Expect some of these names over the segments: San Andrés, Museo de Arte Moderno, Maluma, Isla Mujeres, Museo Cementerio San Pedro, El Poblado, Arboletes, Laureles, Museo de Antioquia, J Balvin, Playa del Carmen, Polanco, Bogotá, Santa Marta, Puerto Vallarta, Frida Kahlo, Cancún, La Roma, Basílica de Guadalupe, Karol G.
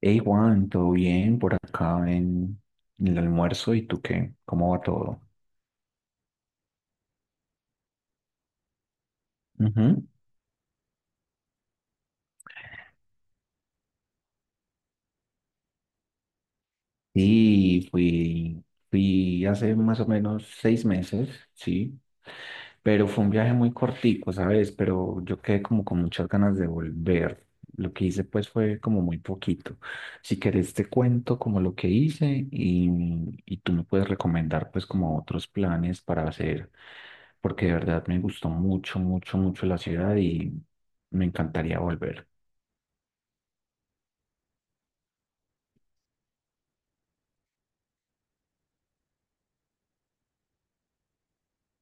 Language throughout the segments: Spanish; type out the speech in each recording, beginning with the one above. Hey Juan, ¿todo bien por acá en, el almuerzo? ¿Y tú qué? ¿Cómo va todo? Ujú. Sí, fui hace más o menos 6 meses, sí, pero fue un viaje muy cortico, ¿sabes? Pero yo quedé como con muchas ganas de volver. Lo que hice pues fue como muy poquito. Si querés te cuento como lo que hice y tú me puedes recomendar pues como otros planes para hacer, porque de verdad me gustó mucho, mucho, mucho la ciudad y me encantaría volver.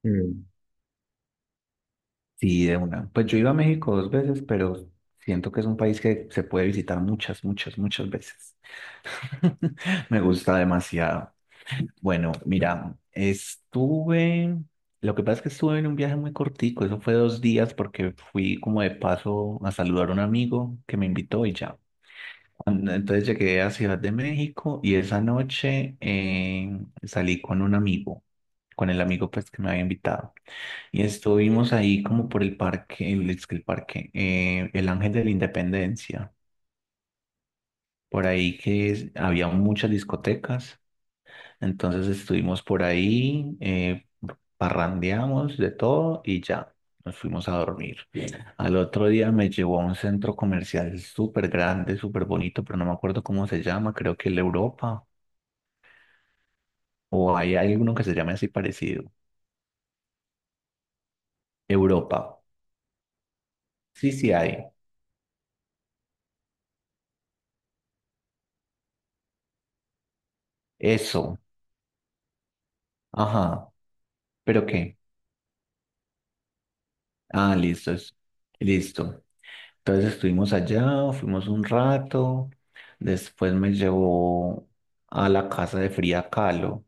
Mm. Sí, de una. Pues yo he ido a México dos veces, pero siento que es un país que se puede visitar muchas, muchas, muchas veces. Me gusta demasiado. Bueno, mira, estuve, lo que pasa es que estuve en un viaje muy cortico, eso fue 2 días porque fui como de paso a saludar a un amigo que me invitó y ya. Entonces llegué a Ciudad de México y esa noche salí con un amigo, con el amigo pues que me había invitado. Y estuvimos ahí como por el parque, el, es que el parque, el Ángel de la Independencia, por ahí había muchas discotecas. Entonces estuvimos por ahí, parrandeamos de todo y ya nos fuimos a dormir. Bien. Al otro día me llevó a un centro comercial súper grande, súper bonito, pero no me acuerdo cómo se llama, creo que el Europa, o hay alguno que se llame así parecido. Europa. Sí, sí hay. Eso. Ajá. ¿Pero qué? Ah, listo. Listo. Entonces estuvimos allá, fuimos un rato, después me llevó a la casa de Frida Kahlo,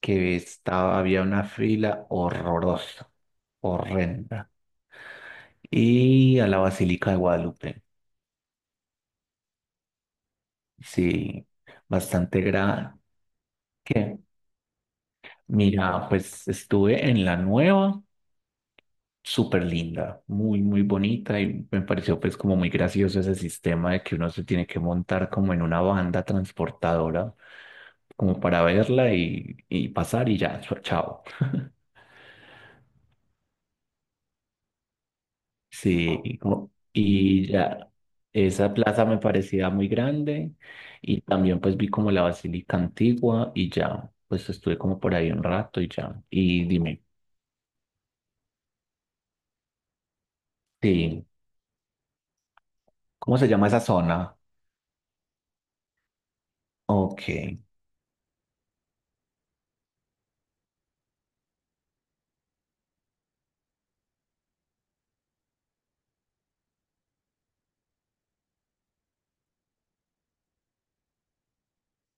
que estaba, había una fila horrorosa, horrenda. Y a la Basílica de Guadalupe, sí, bastante grande. ¿Qué? Mira, pues estuve en la nueva, súper linda, muy, muy bonita y me pareció pues como muy gracioso ese sistema de que uno se tiene que montar como en una banda transportadora, como para verla y pasar y ya, chao. Sí, y y ya esa plaza me parecía muy grande y también pues vi como la basílica antigua y ya, pues estuve como por ahí un rato y ya. Y dime, sí, ¿cómo se llama esa zona? Ok,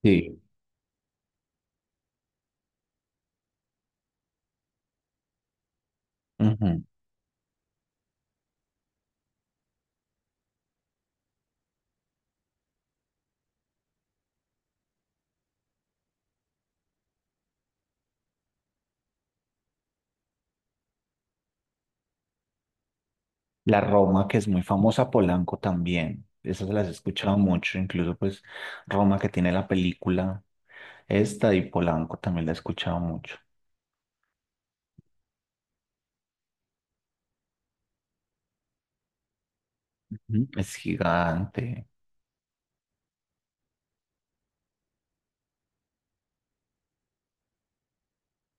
sí, ujú. La Roma, que es muy famosa, Polanco también, esas las he escuchado mucho, incluso pues Roma que tiene la película esta y Polanco también la he escuchado mucho. Ujú. Es gigante.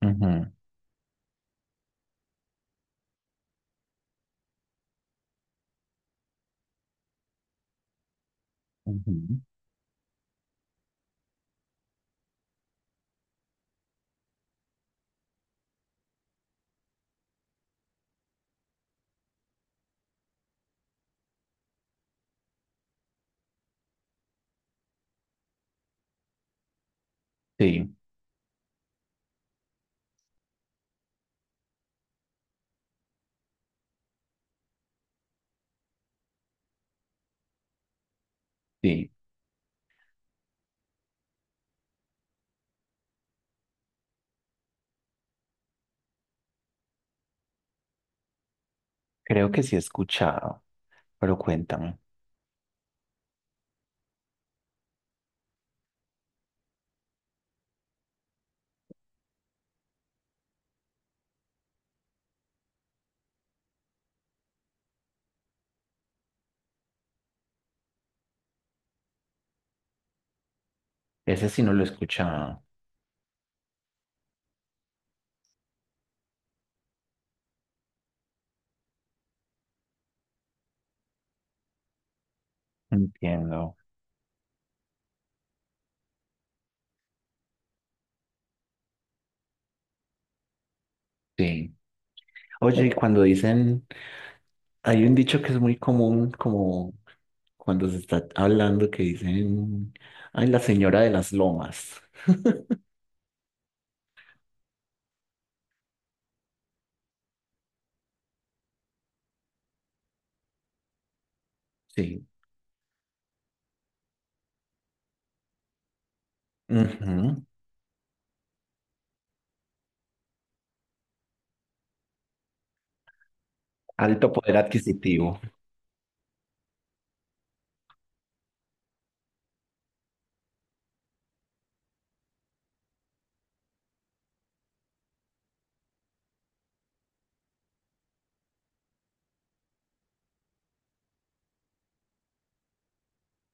Ujú, ujú. Sí. Sí, creo que sí he escuchado, pero cuéntame. Ese sí no lo he escuchado. Entiendo. Sí. Oye, y cuando dicen, hay un dicho que es muy común, como cuando se está hablando, que dicen, ay, la señora de las lomas. Sí. Ujú. Alto poder adquisitivo.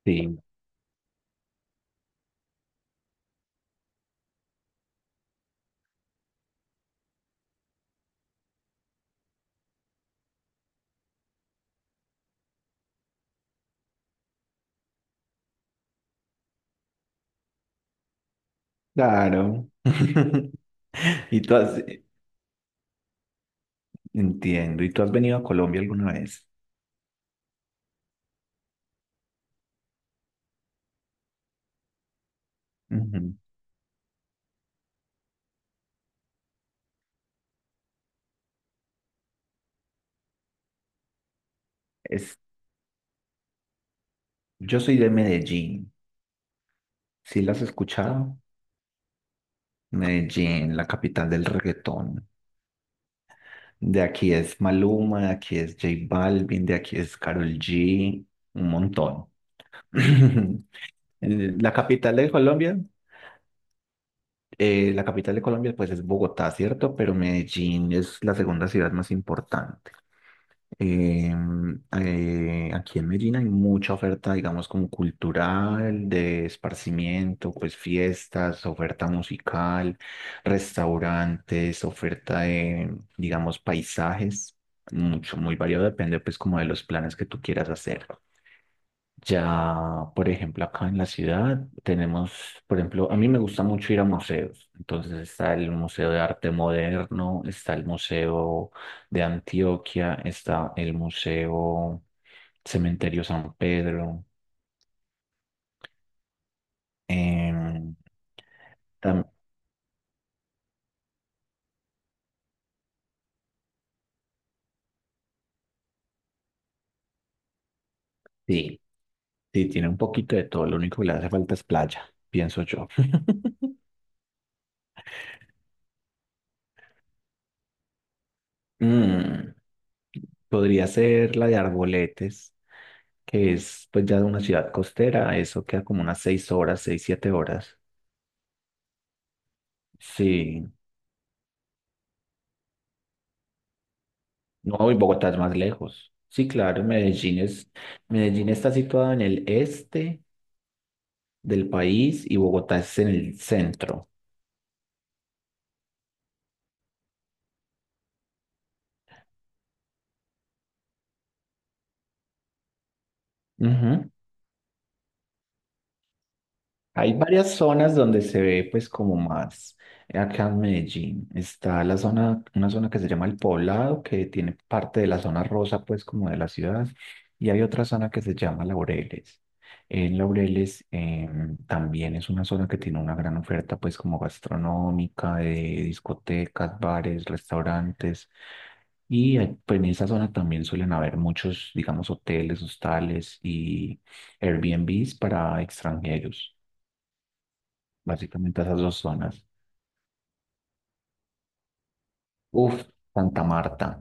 Sí, claro. Y tú has, entiendo, ¿y tú has venido a Colombia alguna vez? Ujú. Es, yo soy de Medellín. Sí, las has escuchado. Medellín, la capital del reggaetón. De aquí es Maluma, de aquí es J Balvin, de aquí es Karol G, un montón. La capital de Colombia la capital de Colombia, pues es Bogotá, ¿cierto? Pero Medellín es la segunda ciudad más importante. Aquí en Medellín hay mucha oferta, digamos, como cultural, de esparcimiento, pues fiestas, oferta musical, restaurantes, oferta de, digamos, paisajes, mucho, muy variado, depende pues como de los planes que tú quieras hacer. Ya, por ejemplo, acá en la ciudad tenemos, por ejemplo, a mí me gusta mucho ir a museos. Entonces está el Museo de Arte Moderno, está el Museo de Antioquia, está el Museo Cementerio San Pedro. em, tam- sí, sí, tiene un poquito de todo. Lo único que le hace falta es playa, pienso yo. Mm, Podría ser la de Arboletes, que es pues ya una ciudad costera. Eso queda como unas 6 horas, 6, 7 horas. Sí, no, y Bogotá es más lejos. Sí, claro, Medellín es, Medellín está situada en el este del país y Bogotá es en el centro. Ujú. Hay varias zonas donde se ve pues como más acá en Medellín. Está la zona, una zona que se llama El Poblado, que tiene parte de la zona rosa pues como de la ciudad, y hay otra zona que se llama Laureles. En Laureles también es una zona que tiene una gran oferta pues como gastronómica, de discotecas, bares, restaurantes, y pues, en esa zona también suelen haber muchos, digamos, hoteles, hostales y Airbnbs para extranjeros. Básicamente esas dos zonas. Uf, Santa Marta.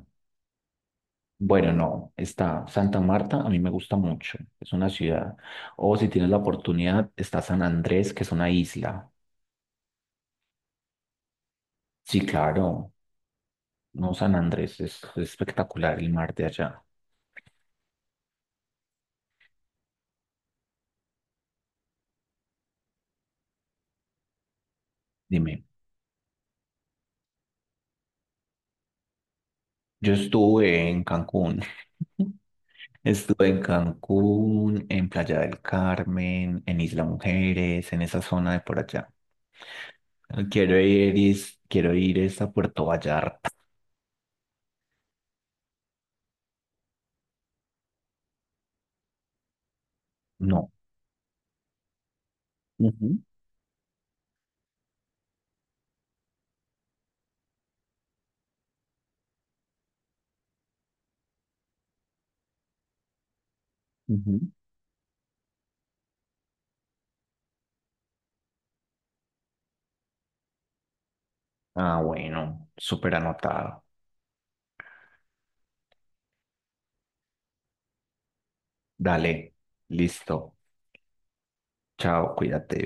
Bueno, no, está Santa Marta, a mí me gusta mucho. Es una ciudad. O si tienes la oportunidad, está San Andrés, que es una isla. Sí, claro. No, San Andrés es espectacular el mar de allá. Dime, yo estuve en Cancún. Estuve en Cancún, en Playa del Carmen, en Isla Mujeres, en esa zona de por allá. Quiero ir, quiero ir es a Puerto Vallarta. No. Ujú. Ujú. Ah, bueno, súper anotado. Dale, listo. Chao, cuídate.